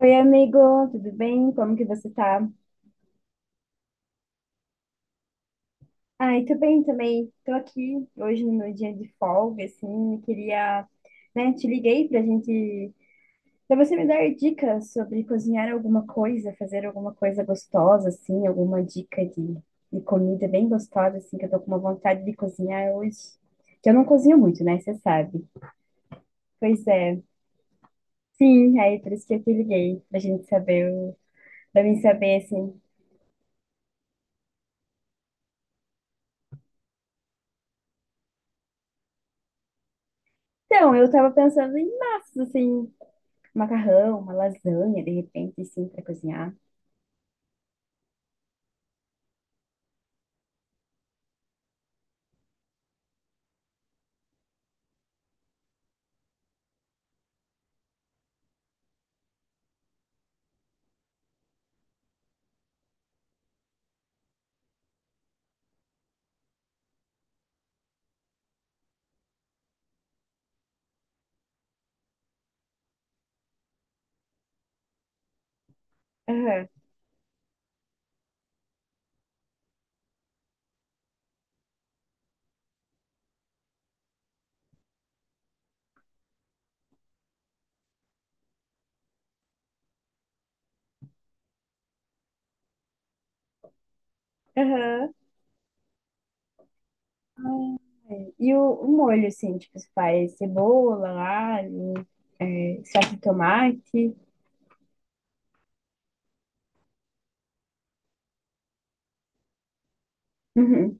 Oi, amigo, tudo bem? Como que você tá? Ai, tô bem também. Tô aqui hoje no meu dia de folga, assim, e queria, né, te liguei pra gente, pra você me dar dicas sobre cozinhar alguma coisa, fazer alguma coisa gostosa, assim, alguma dica de comida bem gostosa, assim, que eu tô com uma vontade de cozinhar hoje. Que eu não cozinho muito, né, você sabe. Pois é. Sim, aí por isso que eu te liguei, pra gente saber, pra mim saber, assim. Então, eu tava pensando em massas, assim, macarrão, uma lasanha, de repente, assim, pra cozinhar. Aham, aham. E o molho, assim, tipo, você faz cebola, alho, salsa de tomate. Uhum.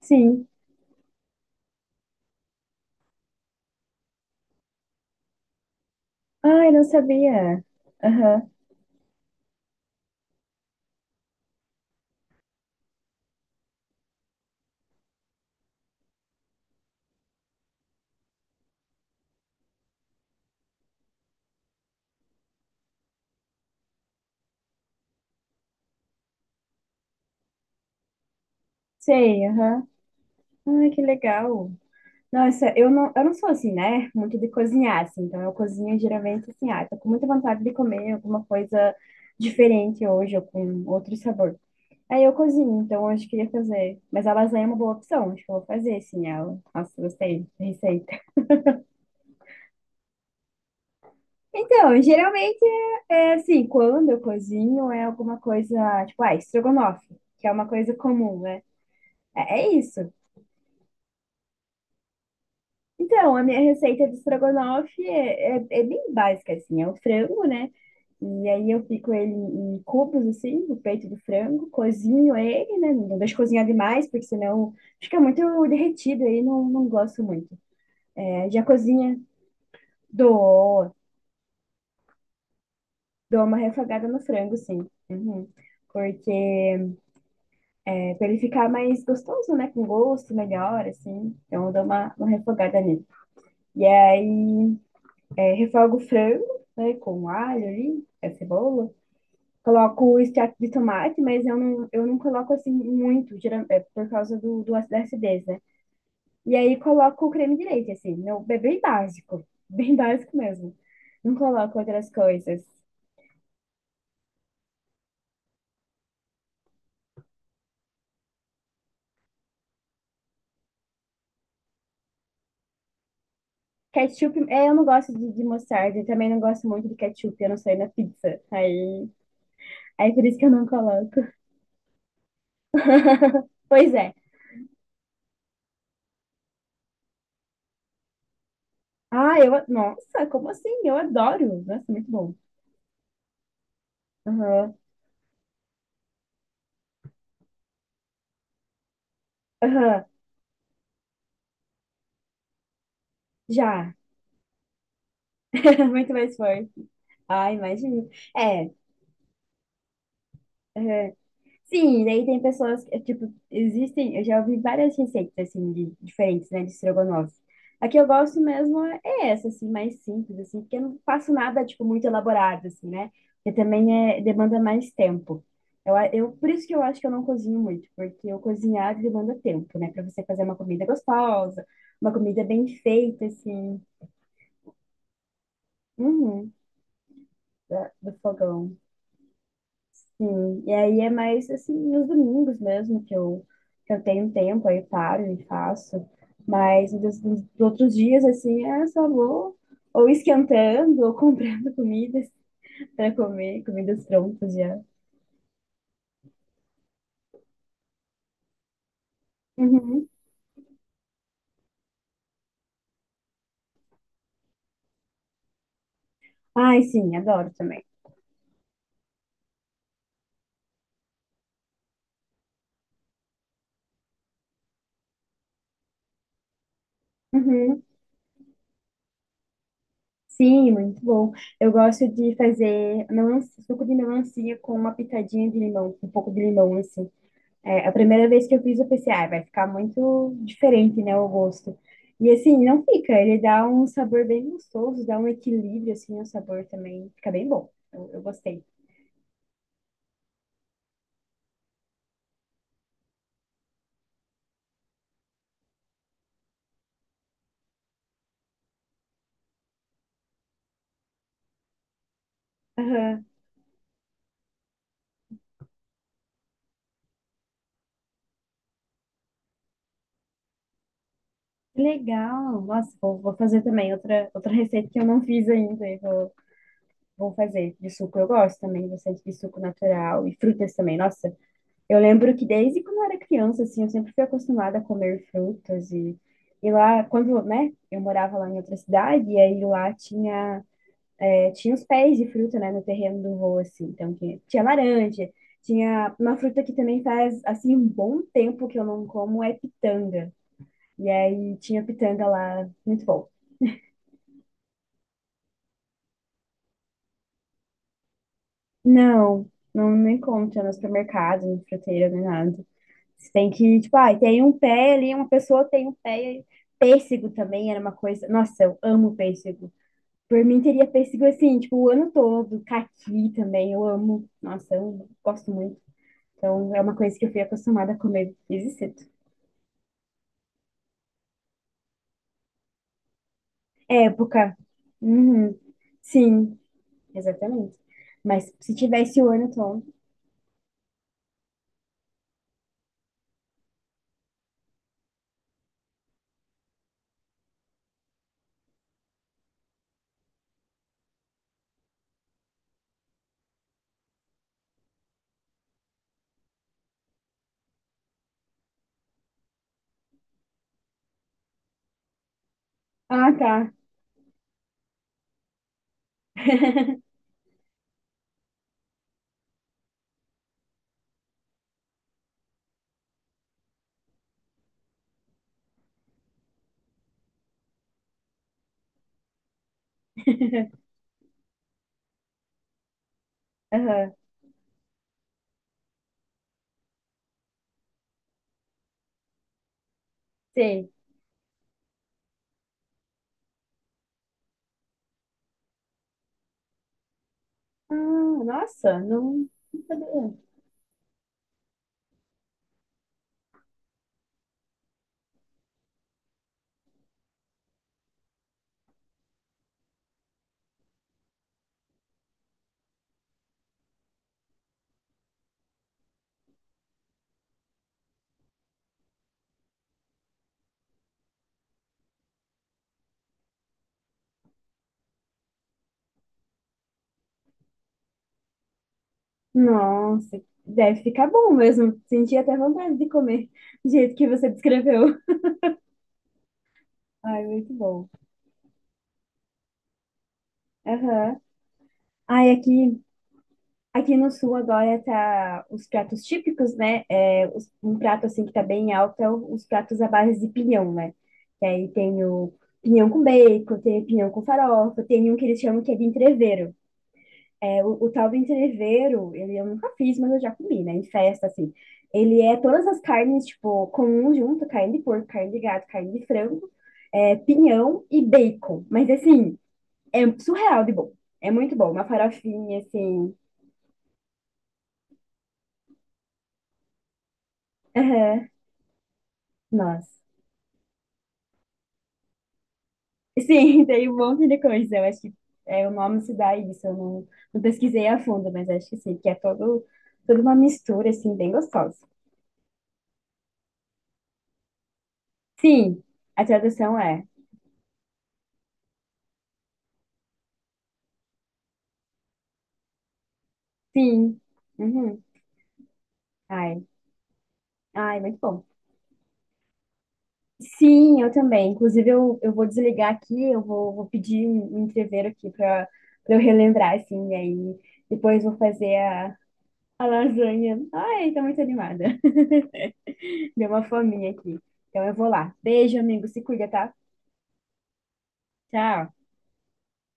Sim. Ai, não sabia. Aham. Sei, aham. Ai, que legal. Nossa, eu não sou assim, né? Muito de cozinhar, assim. Então, eu cozinho geralmente assim, ah, tô com muita vontade de comer alguma coisa diferente hoje ou com outro sabor. Aí eu cozinho, então hoje eu queria fazer. Mas a lasanha é uma boa opção, acho que eu vou fazer sim ela. Nossa, gostei da receita. Então, geralmente é assim, quando eu cozinho é alguma coisa, tipo, ah, estrogonofe, que é uma coisa comum, né? É, é isso. Então, a minha receita de estrogonofe é bem básica, assim, é o frango, né? E aí eu pico ele em cubos, assim, o peito do frango, cozinho ele, né? Não deixo cozinhar demais, porque senão fica muito derretido aí, não gosto muito. É, já cozinha? Dou, dou uma refogada no frango, sim. Uhum. Porque é, pra ele ficar mais gostoso, né? Com gosto melhor, assim. Então eu dou uma refogada nele. E aí, é, refogo o frango, né? Com alho ali, a cebola. Coloco o extrato de tomate, mas eu não coloco assim muito, é, por causa da acidez, né? E aí coloco o creme de leite, assim. Meu, é bem básico. Bem básico mesmo. Não coloco outras coisas. Ketchup, é, eu não gosto de mostarda, eu também não gosto muito de ketchup, eu não sei na pizza. Aí por isso que eu não coloco. Pois é. Ah, eu, nossa, como assim? Eu adoro. Nossa, muito bom. Aham, aham, já. Muito mais forte. Ah, imagino. É, aham. Sim, daí tem pessoas que, tipo, existem, eu já ouvi várias receitas, assim, de, diferentes, né, de estrogonofe. A que eu gosto mesmo é essa, assim, mais simples, assim, porque eu não faço nada, tipo, muito elaborado, assim, né? Porque também é, demanda mais tempo. Por isso que eu acho que eu não cozinho muito, porque eu cozinhar demanda tempo, né? Pra você fazer uma comida gostosa, uma comida bem feita, assim, uhum, do fogão. Sim, e aí é mais assim nos domingos mesmo que eu tenho tempo, aí paro e faço. Mas nos outros dias, assim, é só vou ou esquentando ou comprando comidas para comer, comidas prontas já. Uhum. Ai, sim, adoro também. Uhum. Sim, muito bom. Eu gosto de fazer melancia, suco de melancia com uma pitadinha de limão, um pouco de limão, assim. É, a primeira vez que eu fiz, eu pensei, ah, vai ficar muito diferente, né, o gosto. E assim, não fica, ele dá um sabor bem gostoso, dá um equilíbrio, assim, o sabor também fica bem bom. Eu gostei. Aham, que legal! Nossa, vou fazer também outra receita que eu não fiz ainda, vou fazer. De suco eu gosto também, bastante de suco natural e frutas também. Nossa, eu lembro que desde quando eu era criança, assim, eu sempre fui acostumada a comer frutas e lá, quando, né, eu morava lá em outra cidade, e aí lá tinha tinha os pés de fruta, né, no terreno do vô, assim. Então, tinha laranja, tinha uma fruta que também faz, assim, um bom tempo que eu não como, é pitanga. E aí, tinha pitanga lá, muito bom. Não nem encontra no supermercado, no fruteiro, nem nada. Você tem que, tipo, ah, tem um pé ali, uma pessoa tem um pé. Pêssego também era uma coisa. Nossa, eu amo pêssego. Por mim, teria pêssego assim, tipo, o ano todo. Caqui também, eu amo. Nossa, eu gosto muito. Então, é uma coisa que eu fui acostumada a comer desde cedo. Época. Uhum. Sim, exatamente. Mas se tivesse o ano todo. Ah, tá. Aham, sei. Ah, nossa, não sabia. Nossa, deve ficar bom mesmo. Senti até vontade de comer do jeito que você descreveu. Ai, muito bom. Aham. Ai, aqui. Aqui no sul agora tá os pratos típicos, né? É, um prato assim que tá bem alto é os pratos à base de pinhão, né? Que aí tem o pinhão com bacon, tem o pinhão com farofa, tem um que eles chamam que é de entrevero. É, o tal do entrevero, ele eu nunca fiz, mas eu já comi, né? Em festa, assim. Ele é todas as carnes, tipo, comuns junto, carne de porco, carne de gato, carne de frango, é, pinhão e bacon. Mas assim, é surreal de bom. É muito bom. Uma farofinha, assim. Aham. Nossa. Sim, tem um monte de coisa. Eu acho que é, o nome se dá a isso. Eu não, não pesquisei a fundo, mas acho que sim, que é todo, toda uma mistura, assim, bem gostosa. Sim, a tradução é sim. Uhum. Ai, ai, muito bom. Sim, eu também. Inclusive, eu vou desligar aqui, eu vou, vou pedir um entreveiro aqui para eu relembrar, assim, e aí depois vou fazer a lasanha. Ai, tô muito animada. Deu uma fominha aqui. Então eu vou lá. Beijo, amigo. Se cuida, tá? Tchau.